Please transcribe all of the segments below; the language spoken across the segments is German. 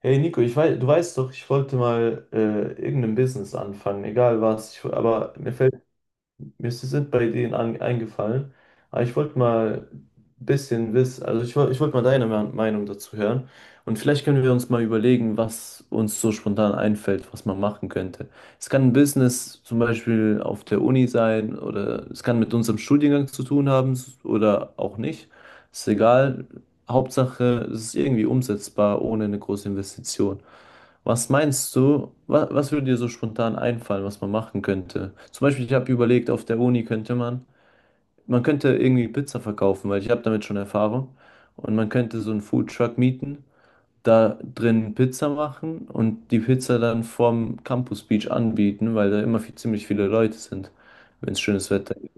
Hey Nico, ich weiß, du weißt doch, ich wollte mal irgendein Business anfangen, egal was. Aber mir fällt sind bei denen an, eingefallen. Aber ich wollte mal ein bisschen wissen, also ich wollte mal deine Meinung dazu hören. Und vielleicht können wir uns mal überlegen, was uns so spontan einfällt, was man machen könnte. Es kann ein Business zum Beispiel auf der Uni sein, oder es kann mit unserem Studiengang zu tun haben oder auch nicht. Ist egal. Hauptsache, es ist irgendwie umsetzbar ohne eine große Investition. Was meinst du, wa was würde dir so spontan einfallen, was man machen könnte? Zum Beispiel, ich habe überlegt, auf der Uni könnte man, man könnte irgendwie Pizza verkaufen, weil ich habe damit schon Erfahrung. Und man könnte so einen Foodtruck mieten, da drin Pizza machen und die Pizza dann vorm Campus Beach anbieten, weil da immer ziemlich viele Leute sind, wenn es schönes Wetter gibt.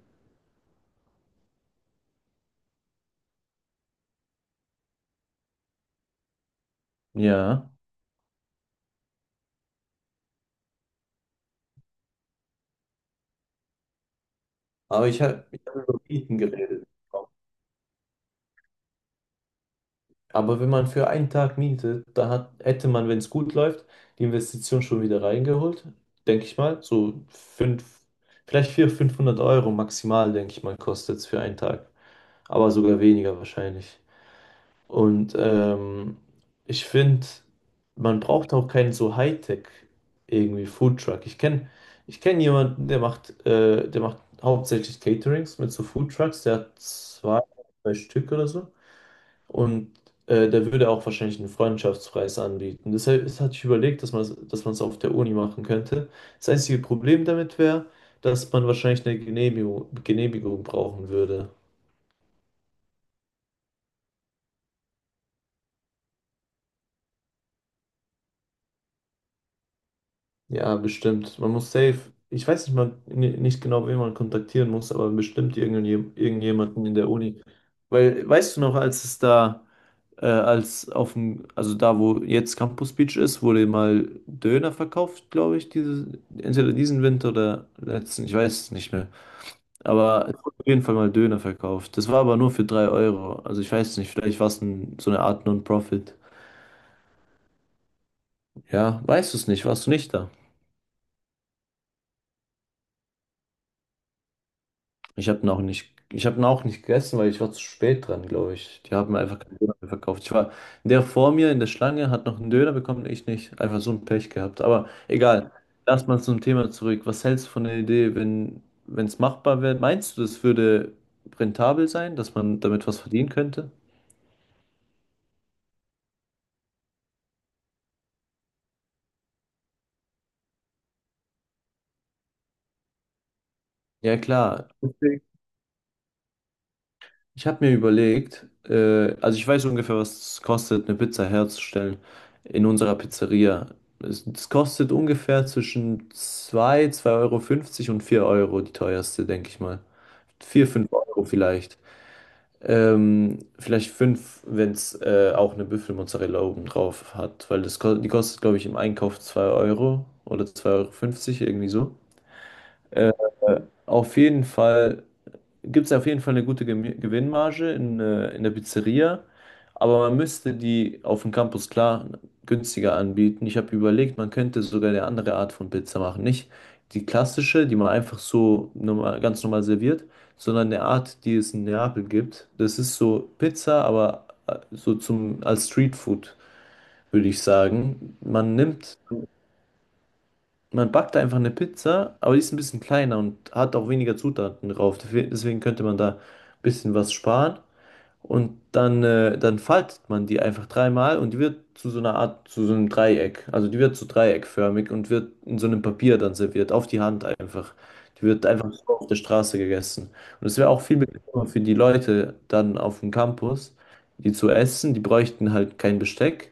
Ja. Aber ich hab über Mieten geredet. Aber wenn man für einen Tag mietet, da hätte man, wenn es gut läuft, die Investition schon wieder reingeholt, denke ich mal. So fünf, vielleicht 400, 500 Euro maximal, denke ich mal, kostet es für einen Tag. Aber sogar weniger wahrscheinlich. Und ich finde, man braucht auch keinen so Hightech irgendwie Foodtruck. Ich kenne ich kenn jemanden, der macht hauptsächlich Caterings mit so Foodtrucks. Der hat zwei, drei Stück oder so. Und der würde auch wahrscheinlich einen Freundschaftspreis anbieten. Deshalb, das hatte ich überlegt, dass man es auf der Uni machen könnte. Das einzige Problem damit wäre, dass man wahrscheinlich eine Genehmigung brauchen würde. Ja, bestimmt. Man muss safe. Ich weiß nicht mal nicht genau, wen man kontaktieren muss, aber bestimmt irgendjemanden in der Uni. Weil, weißt du noch, als auf dem, also da, wo jetzt Campus Beach ist, wurde mal Döner verkauft, glaube ich, entweder diesen Winter oder letzten, ich weiß es nicht mehr. Aber es wurde auf jeden Fall mal Döner verkauft. Das war aber nur für 3 Euro. Also ich weiß nicht, vielleicht war es so eine Art Non-Profit. Ja, weißt du es nicht, warst du nicht da? Ich habe ihn auch nicht gegessen, weil ich war zu spät dran, glaube ich. Die haben mir einfach keinen Döner mehr verkauft. Der vor mir in der Schlange hat noch einen Döner bekommen, ich nicht. Einfach so ein Pech gehabt. Aber egal. Lass mal zum Thema zurück. Was hältst du von der Idee, wenn es machbar wäre? Meinst du, das würde rentabel sein, dass man damit was verdienen könnte? Ja, klar. Ich habe mir überlegt, also ich weiß ungefähr, was es kostet, eine Pizza herzustellen in unserer Pizzeria. Es kostet ungefähr zwischen zwei Euro fünfzig und 4 Euro, die teuerste, denke ich mal. Vier, 5 Euro vielleicht. Vielleicht 5, wenn es auch eine Büffelmozzarella oben drauf hat, weil die kostet, glaube ich, im Einkauf zwei Euro oder 2 Euro, fünfzig irgendwie so. Auf jeden Fall gibt es auf jeden Fall eine gute Gewinnmarge in der Pizzeria, aber man müsste die auf dem Campus klar günstiger anbieten. Ich habe überlegt, man könnte sogar eine andere Art von Pizza machen. Nicht die klassische, die man ganz normal serviert, sondern eine Art, die es in Neapel gibt. Das ist so Pizza, aber als Streetfood, würde ich sagen. Man backt da einfach eine Pizza, aber die ist ein bisschen kleiner und hat auch weniger Zutaten drauf. Deswegen könnte man da ein bisschen was sparen. Und dann faltet man die einfach dreimal und die wird zu so einer Art, zu so einem Dreieck. Also die wird so dreieckförmig und wird in so einem Papier dann serviert, auf die Hand einfach. Die wird einfach so auf der Straße gegessen. Und es wäre auch viel bequemer für die Leute dann auf dem Campus, die zu essen. Die bräuchten halt kein Besteck.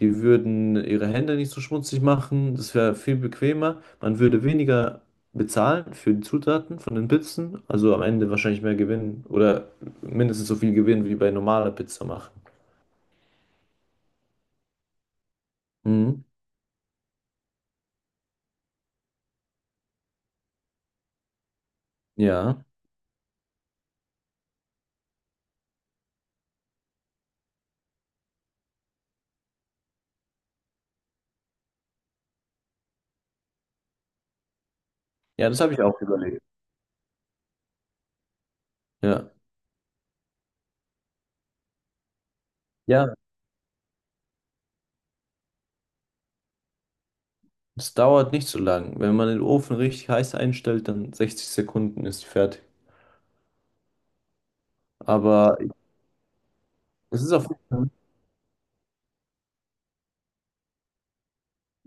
Die würden ihre Hände nicht so schmutzig machen. Das wäre viel bequemer. Man würde weniger bezahlen für die Zutaten von den Pizzen. Also am Ende wahrscheinlich mehr Gewinn oder mindestens so viel Gewinn wie bei normaler Pizza machen. Mhm. Ja. Ja, das habe ich auch überlegt. Ja. Ja, es dauert nicht so lang. Wenn man den Ofen richtig heiß einstellt, dann 60 Sekunden ist die fertig. Aber es ist auf jeden Fall.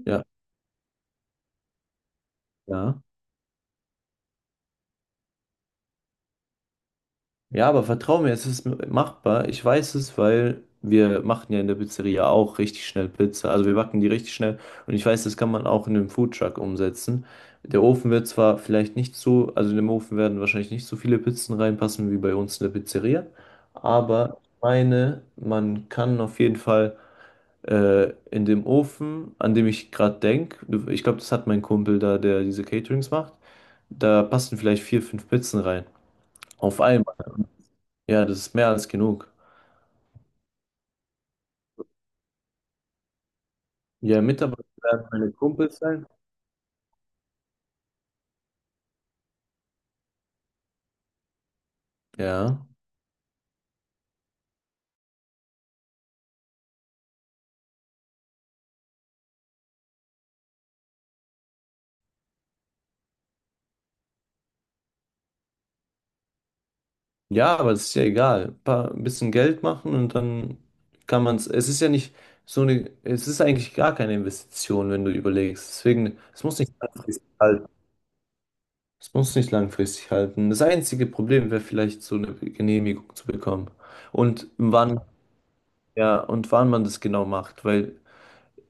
Ja, ja. Ja, aber vertrau mir, es ist machbar. Ich weiß es, weil wir machen ja in der Pizzeria auch richtig schnell Pizza. Also wir backen die richtig schnell. Und ich weiß, das kann man auch in einem Foodtruck umsetzen. Der Ofen wird zwar vielleicht nicht so, also in dem Ofen werden wahrscheinlich nicht so viele Pizzen reinpassen wie bei uns in der Pizzeria. Aber ich meine, man kann auf jeden Fall in dem Ofen, an dem ich gerade denke, ich glaube, das hat mein Kumpel da, der diese Caterings macht, da passen vielleicht vier, fünf Pizzen rein. Auf einmal. Ja, das ist mehr als genug. Ja, Mitarbeiter werden meine Kumpels sein. Ja. Ja, aber das ist ja egal. Ein bisschen Geld machen und dann kann man es. Es ist ja nicht so eine, es ist eigentlich gar keine Investition, wenn du überlegst. Deswegen, es muss nicht langfristig halten. Es muss nicht langfristig halten. Das einzige Problem wäre vielleicht, so eine Genehmigung zu bekommen. Und wann, ja, und wann man das genau macht, weil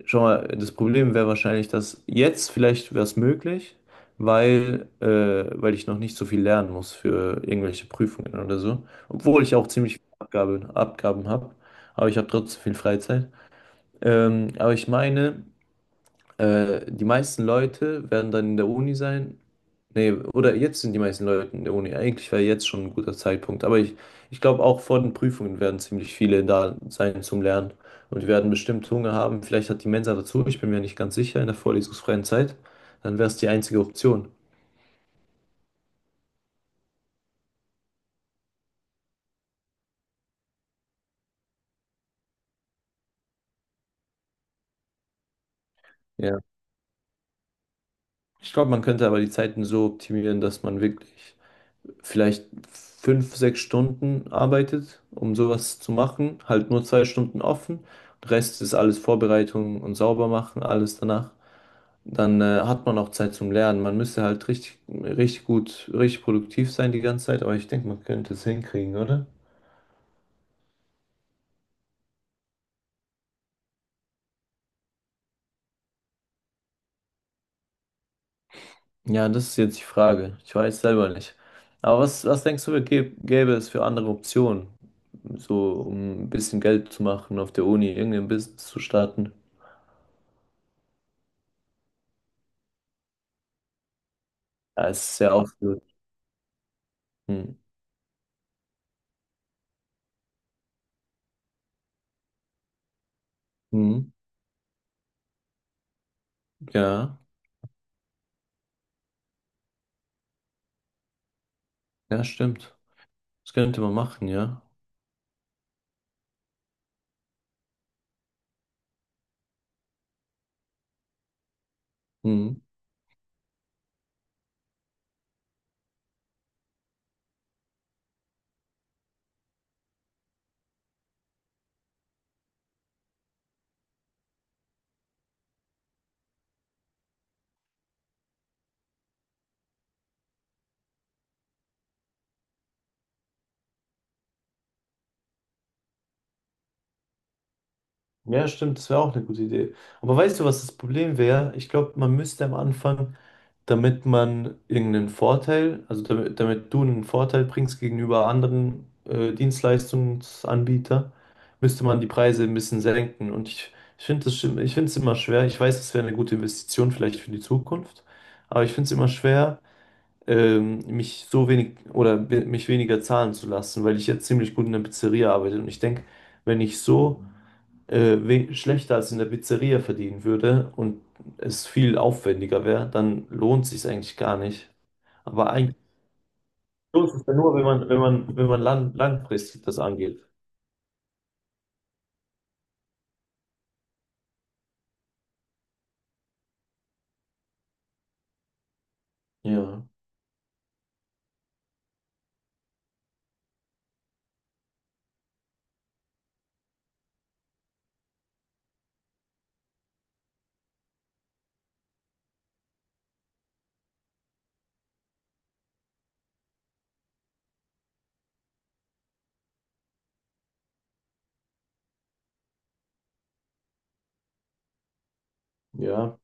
Schau mal, das Problem wäre wahrscheinlich, dass jetzt vielleicht wäre es möglich, weil, äh, weil ich noch nicht so viel lernen muss für irgendwelche Prüfungen oder so. Obwohl ich auch ziemlich viele Abgaben habe, aber ich habe trotzdem viel Freizeit. Aber ich meine. Die meisten Leute werden dann in der Uni sein. Nee, oder jetzt sind die meisten Leute in der Uni. Eigentlich wäre jetzt schon ein guter Zeitpunkt. Ich glaube, auch vor den Prüfungen werden ziemlich viele da sein zum Lernen. Und die werden bestimmt Hunger haben. Vielleicht hat die Mensa dazu. Ich bin mir nicht ganz sicher in der vorlesungsfreien Zeit. Dann wäre es die einzige Option. Ja. Ich glaube, man könnte aber die Zeiten so optimieren, dass man wirklich vielleicht fünf, sechs Stunden arbeitet, um sowas zu machen. Halt nur zwei Stunden offen. Der Rest ist alles Vorbereitung und sauber machen, alles danach. Dann hat man auch Zeit zum Lernen. Man müsste halt richtig gut, richtig produktiv sein die ganze Zeit, aber ich denke, man könnte es hinkriegen, oder? Ja, das ist jetzt die Frage. Ich weiß selber nicht. Aber was denkst du, gäbe es für andere Optionen? So, um ein bisschen Geld zu machen auf der Uni, irgendein Business zu starten. Ja, es ist sehr ausgelutscht. Mhm. Ja, ja, stimmt. Das könnte man machen, ja. Mhm. Ja, stimmt, das wäre auch eine gute Idee. Aber weißt du, was das Problem wäre? Ich glaube, man müsste am Anfang, damit man irgendeinen Vorteil, also damit du einen Vorteil bringst gegenüber anderen Dienstleistungsanbietern, müsste man die Preise ein bisschen senken. Und ich finde ich finde es immer schwer. Ich weiß, es wäre eine gute Investition vielleicht für die Zukunft, aber ich finde es immer schwer. Mich mich weniger zahlen zu lassen, weil ich ja ziemlich gut in der Pizzeria arbeite. Und ich denke, wenn ich so schlechter als in der Pizzeria verdienen würde und es viel aufwendiger wäre, dann lohnt sich eigentlich gar nicht. Aber eigentlich lohnt es ja nur, wenn man langfristig das angeht. Ja, ja.